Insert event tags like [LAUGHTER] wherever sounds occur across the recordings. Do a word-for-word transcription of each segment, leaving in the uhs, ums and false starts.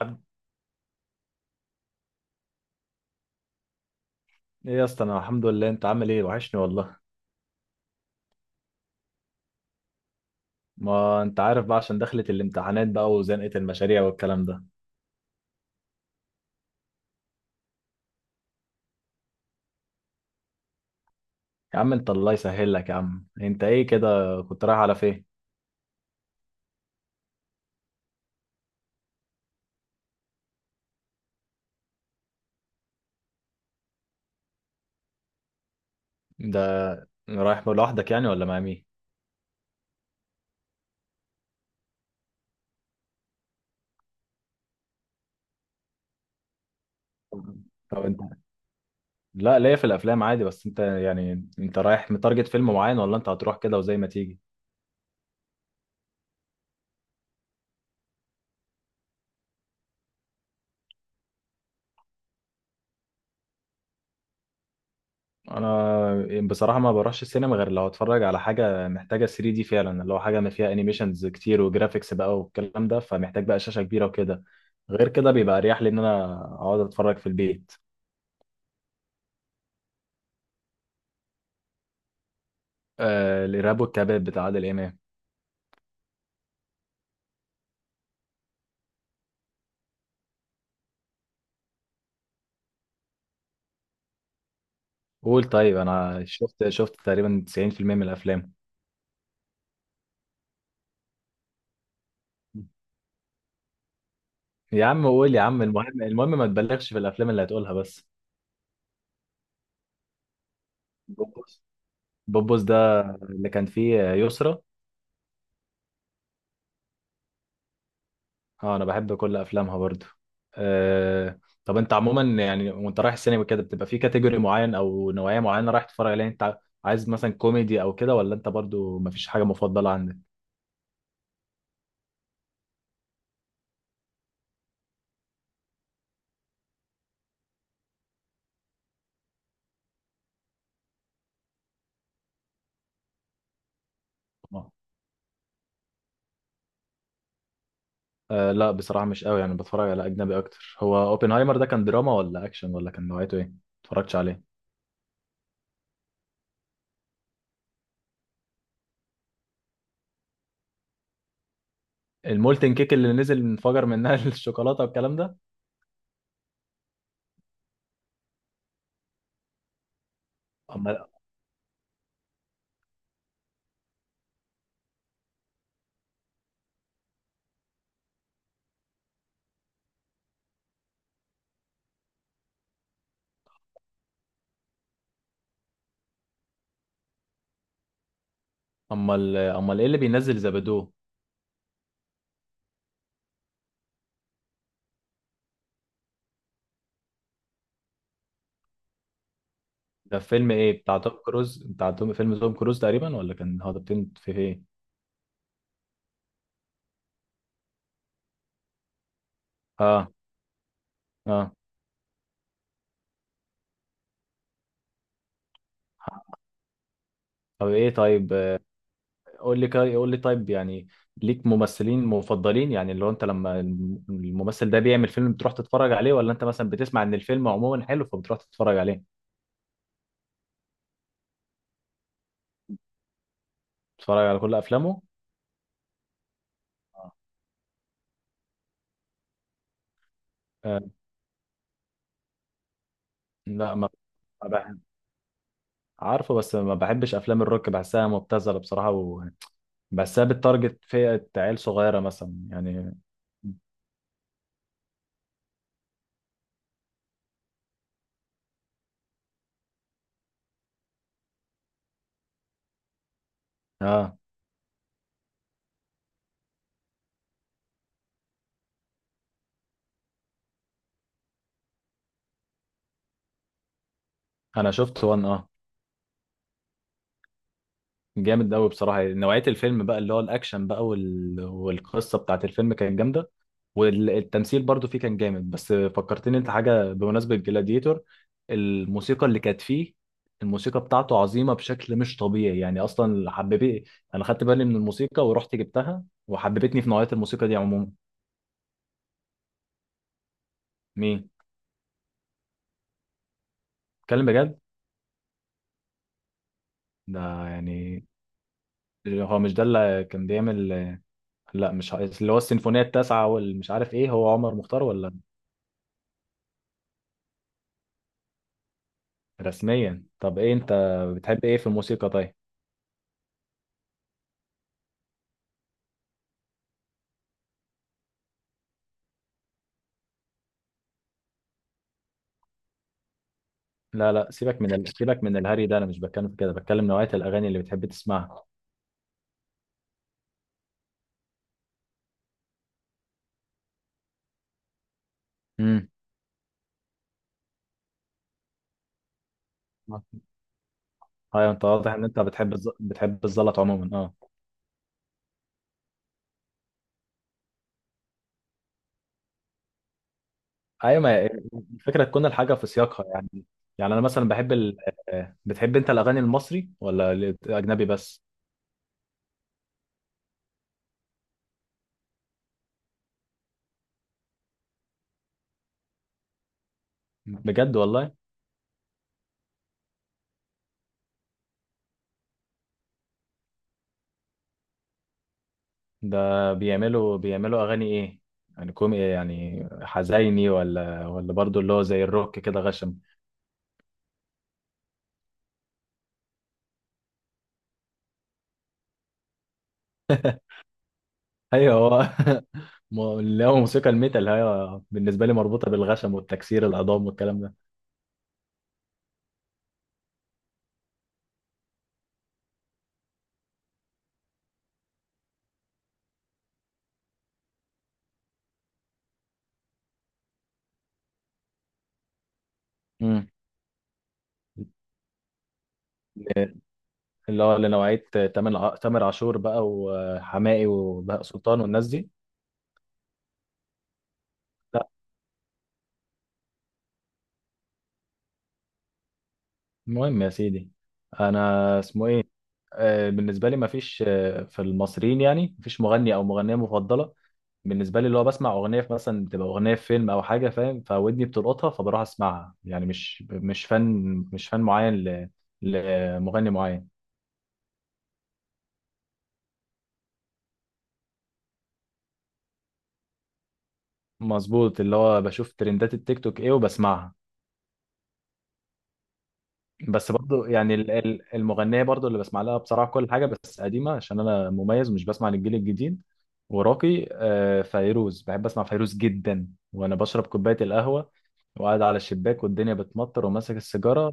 عبد- ايه يا اسطى، انا الحمد لله. انت عامل ايه؟ وحشني والله. ما انت عارف بقى عشان دخلت الامتحانات بقى وزنقة المشاريع والكلام ده. يا عم انت الله يسهل لك. يا عم انت ايه كده؟ كنت رايح على فين؟ ده رايح لوحدك يعني ولا مع مين؟ طب انت، لا ليا في الافلام عادي، بس انت يعني انت رايح متارجت فيلم معين ولا انت هتروح كده وزي ما تيجي؟ انا بصراحه ما بروحش السينما غير لو اتفرج على حاجه محتاجه ثلاثة دي فعلا، اللي هو حاجه ما فيها انيميشنز كتير وجرافيكس بقى والكلام ده، فمحتاج بقى شاشه كبيره وكده. غير كده بيبقى اريح لي ان انا اقعد اتفرج في البيت. آه، الارهاب والكباب بتاع عادل امام. قول طيب، انا شفت شفت تقريبا تسعين في المية من الافلام. يا عم قول يا عم، المهم المهم ما تبالغش في الافلام اللي هتقولها بس. بوبوس، بوبوس ده اللي كان فيه يسرا؟ اه، انا بحب كل افلامها برضو. آه طب انت عموما يعني وانت رايح السينما كده بتبقى في كاتيجوري معين او نوعية معينة رايح تتفرج عليها؟ انت عايز مثلا كوميدي او كده، ولا انت برضو مفيش حاجة مفضلة عندك؟ آه. آه لا، بصراحة مش قوي، يعني بتفرج على أجنبي أكتر. هو أوبنهايمر ده كان دراما ولا أكشن ولا كان نوعيته إيه؟ متفرجتش عليه. المولتن كيك اللي نزل انفجر منها [LAUGHS] الشوكولاتة والكلام ده. أمال أمال أمال إيه اللي بينزل زبدو؟ ده فيلم إيه؟ بتاع توم كروز؟ بتاع توم، فيلم توم كروز تقريبا، ولا كان هو ده بتن- في إيه؟ اه، اه. طب ايه طيب، آه، قول لي كا- قول لي طيب يعني، ليك ممثلين مفضلين يعني اللي هو انت لما الم- الممثل ده بيعمل فيلم بتروح تتفرج عليه، ولا انت مثلا بتسمع ان الفيلم عموما حلو فبتروح تتفرج عليه؟ تتفرج على كل افلامه؟ آه لا، ما ما بح- عارفه، بس ما بحبش افلام الروك، بحسها مبتذله بصراحه، وبحسها بتارجت فئه عيال صغيره مثلا يعني. اه انا شفت وان، اه. جامد قوي بصراحه، يعني نوعيه الفيلم بقى اللي هو الاكشن بقى وال... والقصه بتاعت الفيلم كانت جامده، والتمثيل برضو فيه كان جامد. بس فكرتني انت حاجه بمناسبه جلاديتور، الموسيقى اللي كانت فيه. الموسيقى بتاعته عظيمه بشكل مش طبيعي يعني، اصلا حبيبي انا خدت بالي من الموسيقى ورحت جبتها وحببتني في نوعيه الموسيقى دي عموما. مين؟ اتكلم بجد؟ ده يعني، هو مش ده اللي كان بيعمل، لا مش ه- اللي هو السيمفونيه التاسعه والمش عارف ايه؟ هو عمر مختار ولا؟ رسميا. طب ايه انت بتحب ايه في الموسيقى طيب؟ لا لا، سيبك من ال... سيبك من الهري ده، انا مش بتكلم في كده، بتكلم نوعية الاغاني اللي بتحب تسمعها. امم. ايوه انت واضح ان انت بتحب الز... بتحب الزلط عموما، اه. ايوه، ما هي- الفكرة تكون الحاجة في سياقها يعني. يعني انا مثلا بحب ال... آه، بتحب انت الاغاني المصري ولا الاجنبي بس؟ بجد والله؟ ده بيعملوا بيعملوا اغاني ايه يعني؟ كوم إيه؟ يعني حزيني ولا، ولا برضو اللي هو زي الروك كده غشم؟ [LAUGHS] ايوه هو [LAUGHS] ما- اللي هو موسيقى الميتال هي بالنسبة لي مربوطة بالغشم والتكسير العظام والكلام ده. مم. اللي هو لنوعية تامر تامر عاشور بقى وحماقي وبهاء سلطان والناس دي. لا. المهم يا سيدي، انا اسمه ايه، آه، بالنسبة لي مفيش، آه، في المصريين يعني مفيش مغني او مغنية مفضلة. بالنسبة لي اللي هو بسمع اغنية في مثلا، بتبقى اغنية في فيلم او حاجة، فاهم، فودني بتلقطها فبروح اسمعها، يعني مش مش فن، مش فن معين ل- لمغني معين. مظبوط، اللي هو بشوف ترندات التيك توك ايه وبسمعها. بس برضو يعني ال- ال- المغنيه برضو اللي بسمع لها بصراحه كل حاجه بس قديمه، عشان انا مميز مش بسمع للجيل الجديد وراقي. آه، فيروز، بحب اسمع فيروز جدا وانا بشرب كوبايه القهوه وقاعد على الشباك والدنيا بتمطر وماسك السيجاره.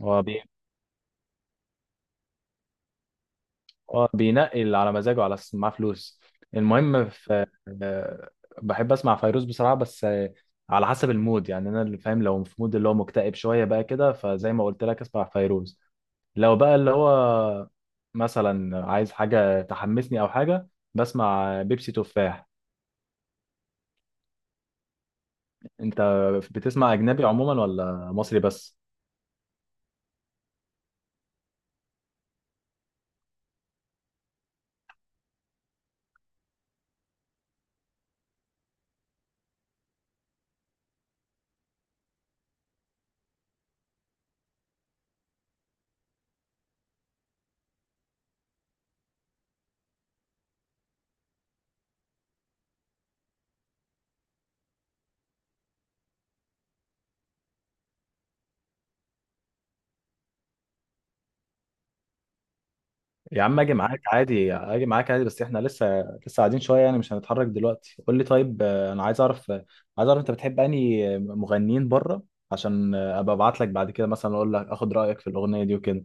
آه. اه بينقي اللي على مزاجه على اساس إن معاه فلوس. المهم في، آه، بحب اسمع فيروز بصراحه، بس آه، على حسب المود يعني. انا اللي فاهم لو في مود اللي هو مكتئب شويه بقى كده فزي ما قلت لك اسمع فيروز. لو بقى اللي هو مثلا عايز حاجه تحمسني او حاجه، بسمع بيبسي تفاح. انت بتسمع اجنبي عموما ولا مصري بس؟ يا عم اجي معاك عادي، اجي معاك عادي، بس احنا لسه لسه قاعدين شويه يعني مش هنتحرك دلوقتي. قول لي طيب، آه، انا عايز اعرف، آه، عايز اعرف انت بتحب انهي مغنيين بره، عشان آه، ابقى ابعت لك بعد كده مثلا اقول لك اخد رايك في الاغنيه دي وكده.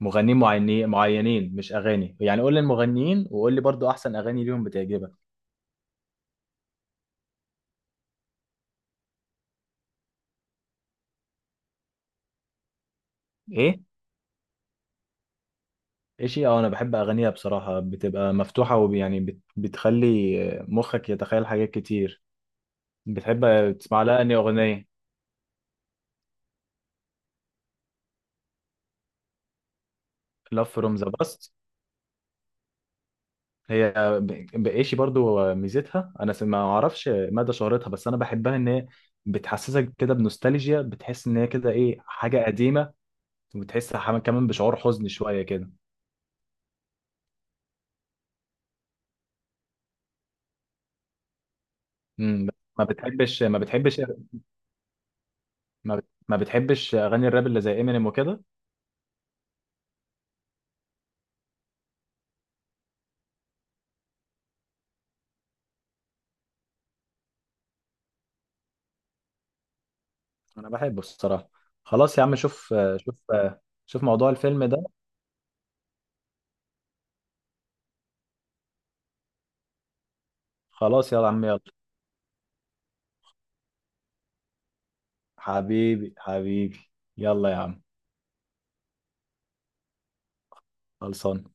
مغنيين معينين معينين مش اغاني يعني، قول لي المغنيين وقول لي برضو احسن اغاني ليهم بتعجبك. ايه؟ ايه شيء، اه انا بحب اغانيها بصراحه، بتبقى مفتوحه ويعني بت... بتخلي آه، مخك يتخيل حاجات كتير. بتحب تسمع لها انهي اغنيه؟ Love from the past. هي، ب- بقيشي برضو ميزتها، انا س- ما اعرفش مدى شهرتها، بس انا بحبها ان هي بتحسسك كده بنوستالجيا، بتحس ان هي كده ايه، حاجه قديمه، وبتحس ح- كمان بشعور حزن شويه كده. امم. ما بتحبش ما بتحبش، ما بت- ما بتحبش اغاني الراب اللي زي امينيم وكده؟ انا بحبه الصراحه. خلاص يا عم، شوف شوف شوف موضوع الفيلم ده. خلاص يلا يا عم يلا، حبيبي حبيبي، يلا يا عم، خلصان.